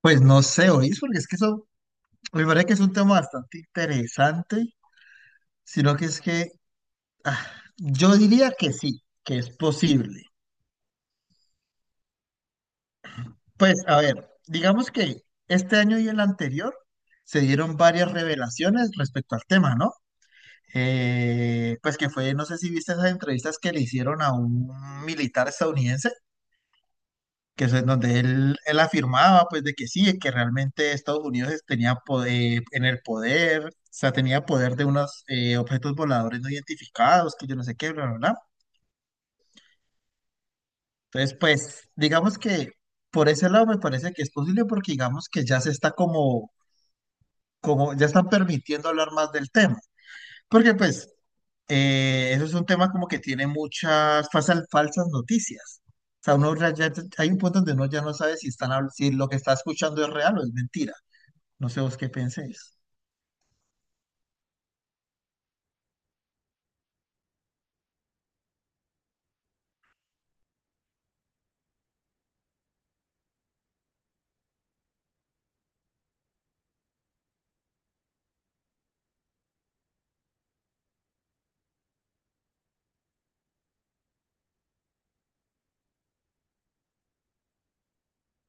Pues no sé, oís, porque es que eso me parece que es un tema bastante interesante, sino que es que ah, yo diría que sí, que es posible. Pues a ver, digamos que este año y el anterior se dieron varias revelaciones respecto al tema, ¿no? Pues que fue, no sé si viste esas entrevistas que le hicieron a un militar estadounidense que es en donde él afirmaba pues de que sí, que realmente Estados Unidos tenía poder, en el poder, o sea, tenía poder de unos objetos voladores no identificados, que yo no sé qué, bla, bla, bla. Entonces, pues, digamos que por ese lado me parece que es posible porque digamos que ya se está ya están permitiendo hablar más del tema, porque pues, eso es un tema como que tiene muchas falsas noticias. O sea, uno hay un punto donde uno ya no sabe si están, si lo que está escuchando es real o es mentira. No sé vos qué penséis.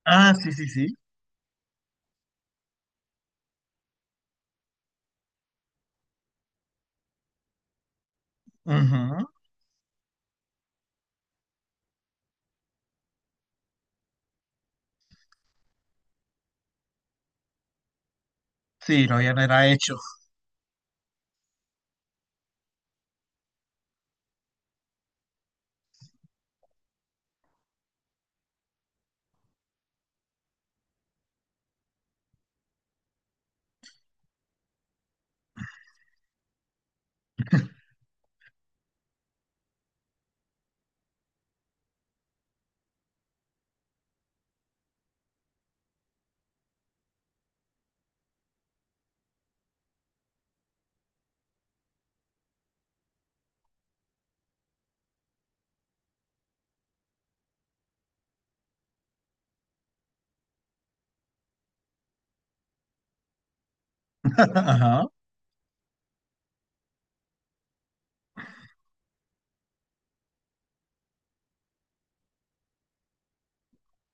Ah, sí, sí, sí. Ujú. Sí, lo habían era hecho. Ajá.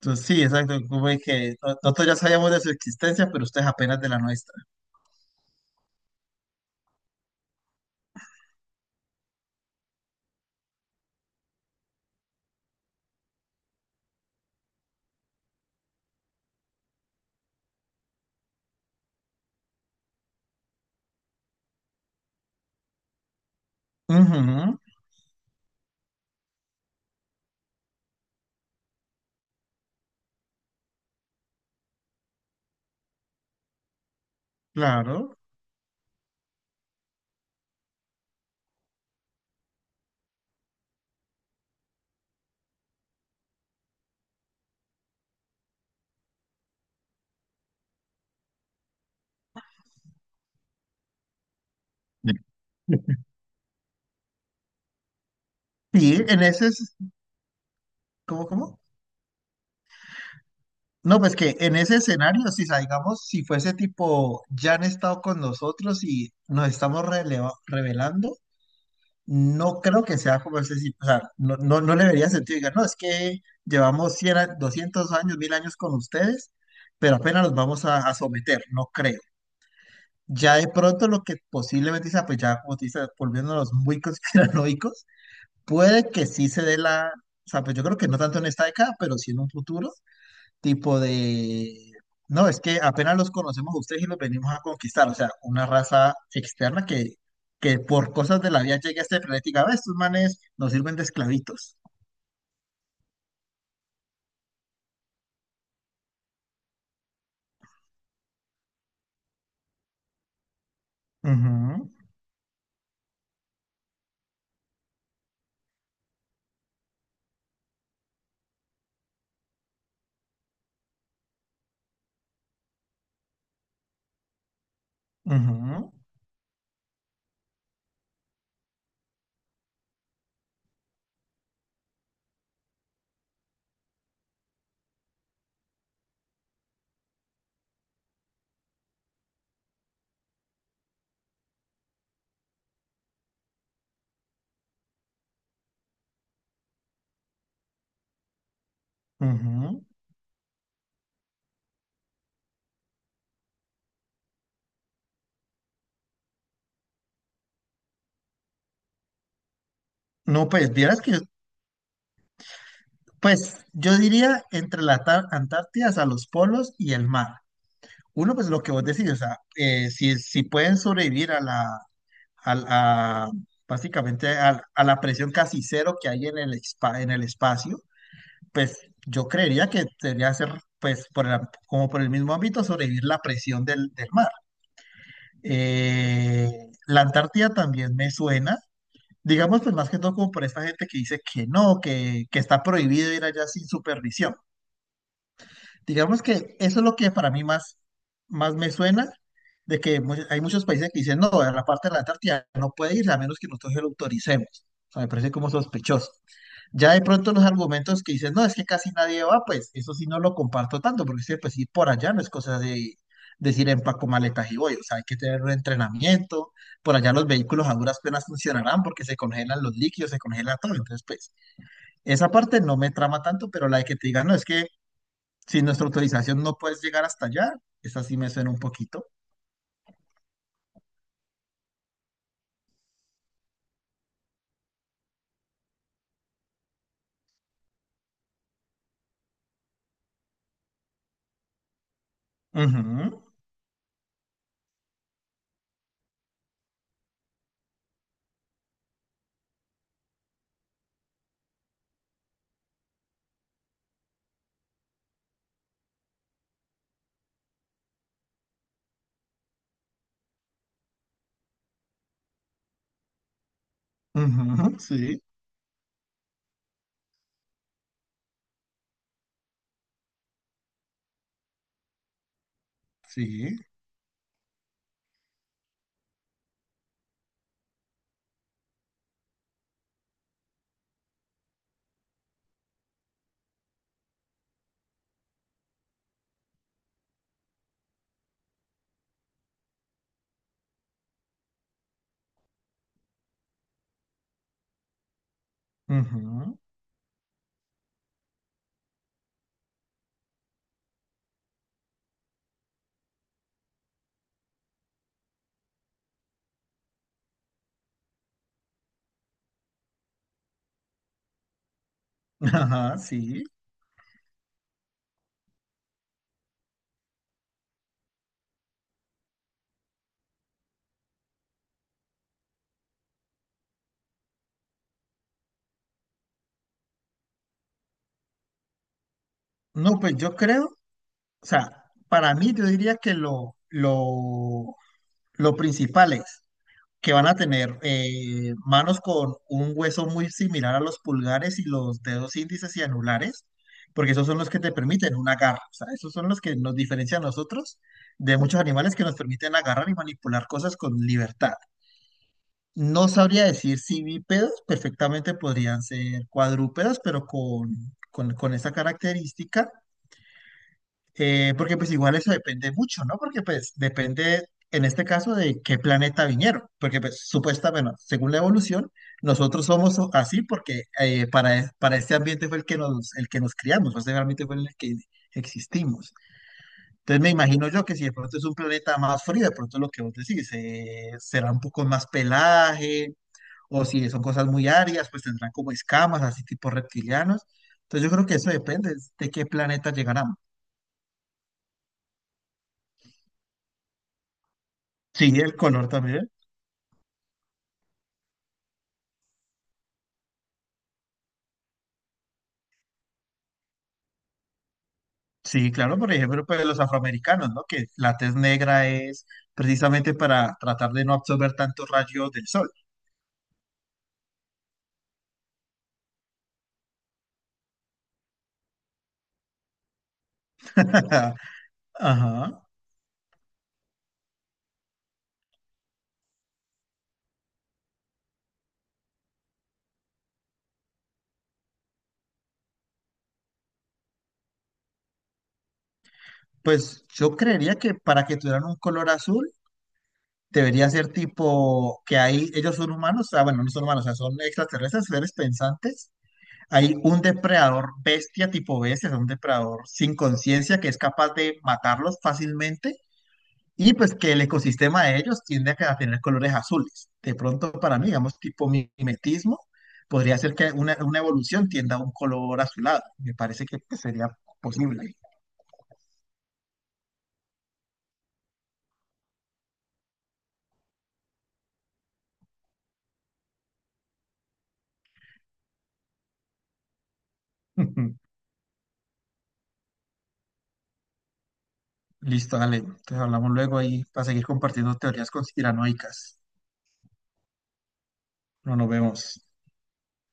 Entonces, sí, exacto. Como de que nosotros ya sabíamos de su existencia, pero ustedes apenas de la nuestra. Ujú. Claro. Sí, en ese, ¿cómo, cómo? No, pues que en ese escenario, si salgamos, si fuese tipo, ya han estado con nosotros y nos estamos revelando. No creo que sea como ese, sí, o sea, no, no, no le vería sentido. Diga, no, es que llevamos 200 años, 1000 años con ustedes, pero apenas los vamos a someter, no creo. Ya de pronto lo que posiblemente sea, pues ya como te dice, volviéndonos muy conspiranoicos, puede que sí se dé la, o sea, pues yo creo que no tanto en esta década, pero sí en un futuro, tipo de, no, es que apenas los conocemos a ustedes y los venimos a conquistar, o sea, una raza externa que por cosas de la vida llega a este planeta y diga, "Ve, estos manes nos sirven de esclavitos". Ujú, ujú, ujú. No, pues vieras que, pues yo diría entre la Antártida, a los polos y el mar. Uno, pues lo que vos decís, o sea, si pueden sobrevivir a la, a, básicamente a la presión casi cero que hay en el, en el espacio, pues yo creería que debería ser, pues, como por el mismo ámbito, sobrevivir la presión del mar. Eh, la Antártida también me suena, digamos, pues más que todo como por esta gente que dice que no, que está prohibido ir allá sin supervisión. Digamos que eso es lo que para mí más me suena, de que hay muchos países que dicen, no, a la parte de la Antártida no puede ir a menos que nosotros se lo autoricemos. O sea, me parece como sospechoso. Ya de pronto los argumentos que dicen, no, es que casi nadie va, pues eso sí no lo comparto tanto, porque sí, pues sí, por allá no es cosa de decir empaco maletas y voy, o sea, hay que tener un entrenamiento, por allá los vehículos a duras penas funcionarán porque se congelan los líquidos, se congela todo, entonces pues esa parte no me trama tanto, pero la de que te digan, no, es que sin nuestra autorización no puedes llegar hasta allá, esa sí me suena un poquito. Ujú, ujú, sí, sí, ujú, ajá, sí. No, pues yo creo. O sea, para mí yo diría que lo principal es que van a tener manos con un hueso muy similar a los pulgares y los dedos índices y anulares, porque esos son los que te permiten un agarre. O sea, esos son los que nos diferencian a nosotros de muchos animales que nos permiten agarrar y manipular cosas con libertad. No sabría decir si bípedos, perfectamente podrían ser cuadrúpedos, pero con esa característica. Porque pues igual eso depende mucho, ¿no? Porque pues depende en este caso de qué planeta vinieron, porque pues supuestamente, bueno, según la evolución, nosotros somos así porque para, para este ambiente fue el que nos criamos, este realmente fue en el que existimos. Entonces me imagino yo que si de pronto es un planeta más frío, de pronto lo que vos decís, será un poco más pelaje, o si son cosas muy áridas, pues tendrán como escamas, así tipo reptilianos. Entonces yo creo que eso depende de qué planeta llegarán. Sí, el color también. Sí, claro, por ejemplo, pues los afroamericanos, ¿no? Que la tez negra es precisamente para tratar de no absorber tantos rayos del sol. Ajá. Pues yo creería que para que tuvieran un color azul, debería ser tipo que ahí ellos son humanos, ah, bueno, no son humanos, o sea, son extraterrestres, seres pensantes. Hay un depredador bestia tipo bestia, o sea, un depredador sin conciencia que es capaz de matarlos fácilmente. Y pues que el ecosistema de ellos tiende a, a tener colores azules. De pronto, para mí, digamos, tipo mimetismo, podría ser que una evolución tienda a un color azulado. Me parece que pues, sería posible. Listo, dale. Entonces hablamos luego ahí para seguir compartiendo teorías conspiranoicas. No nos vemos.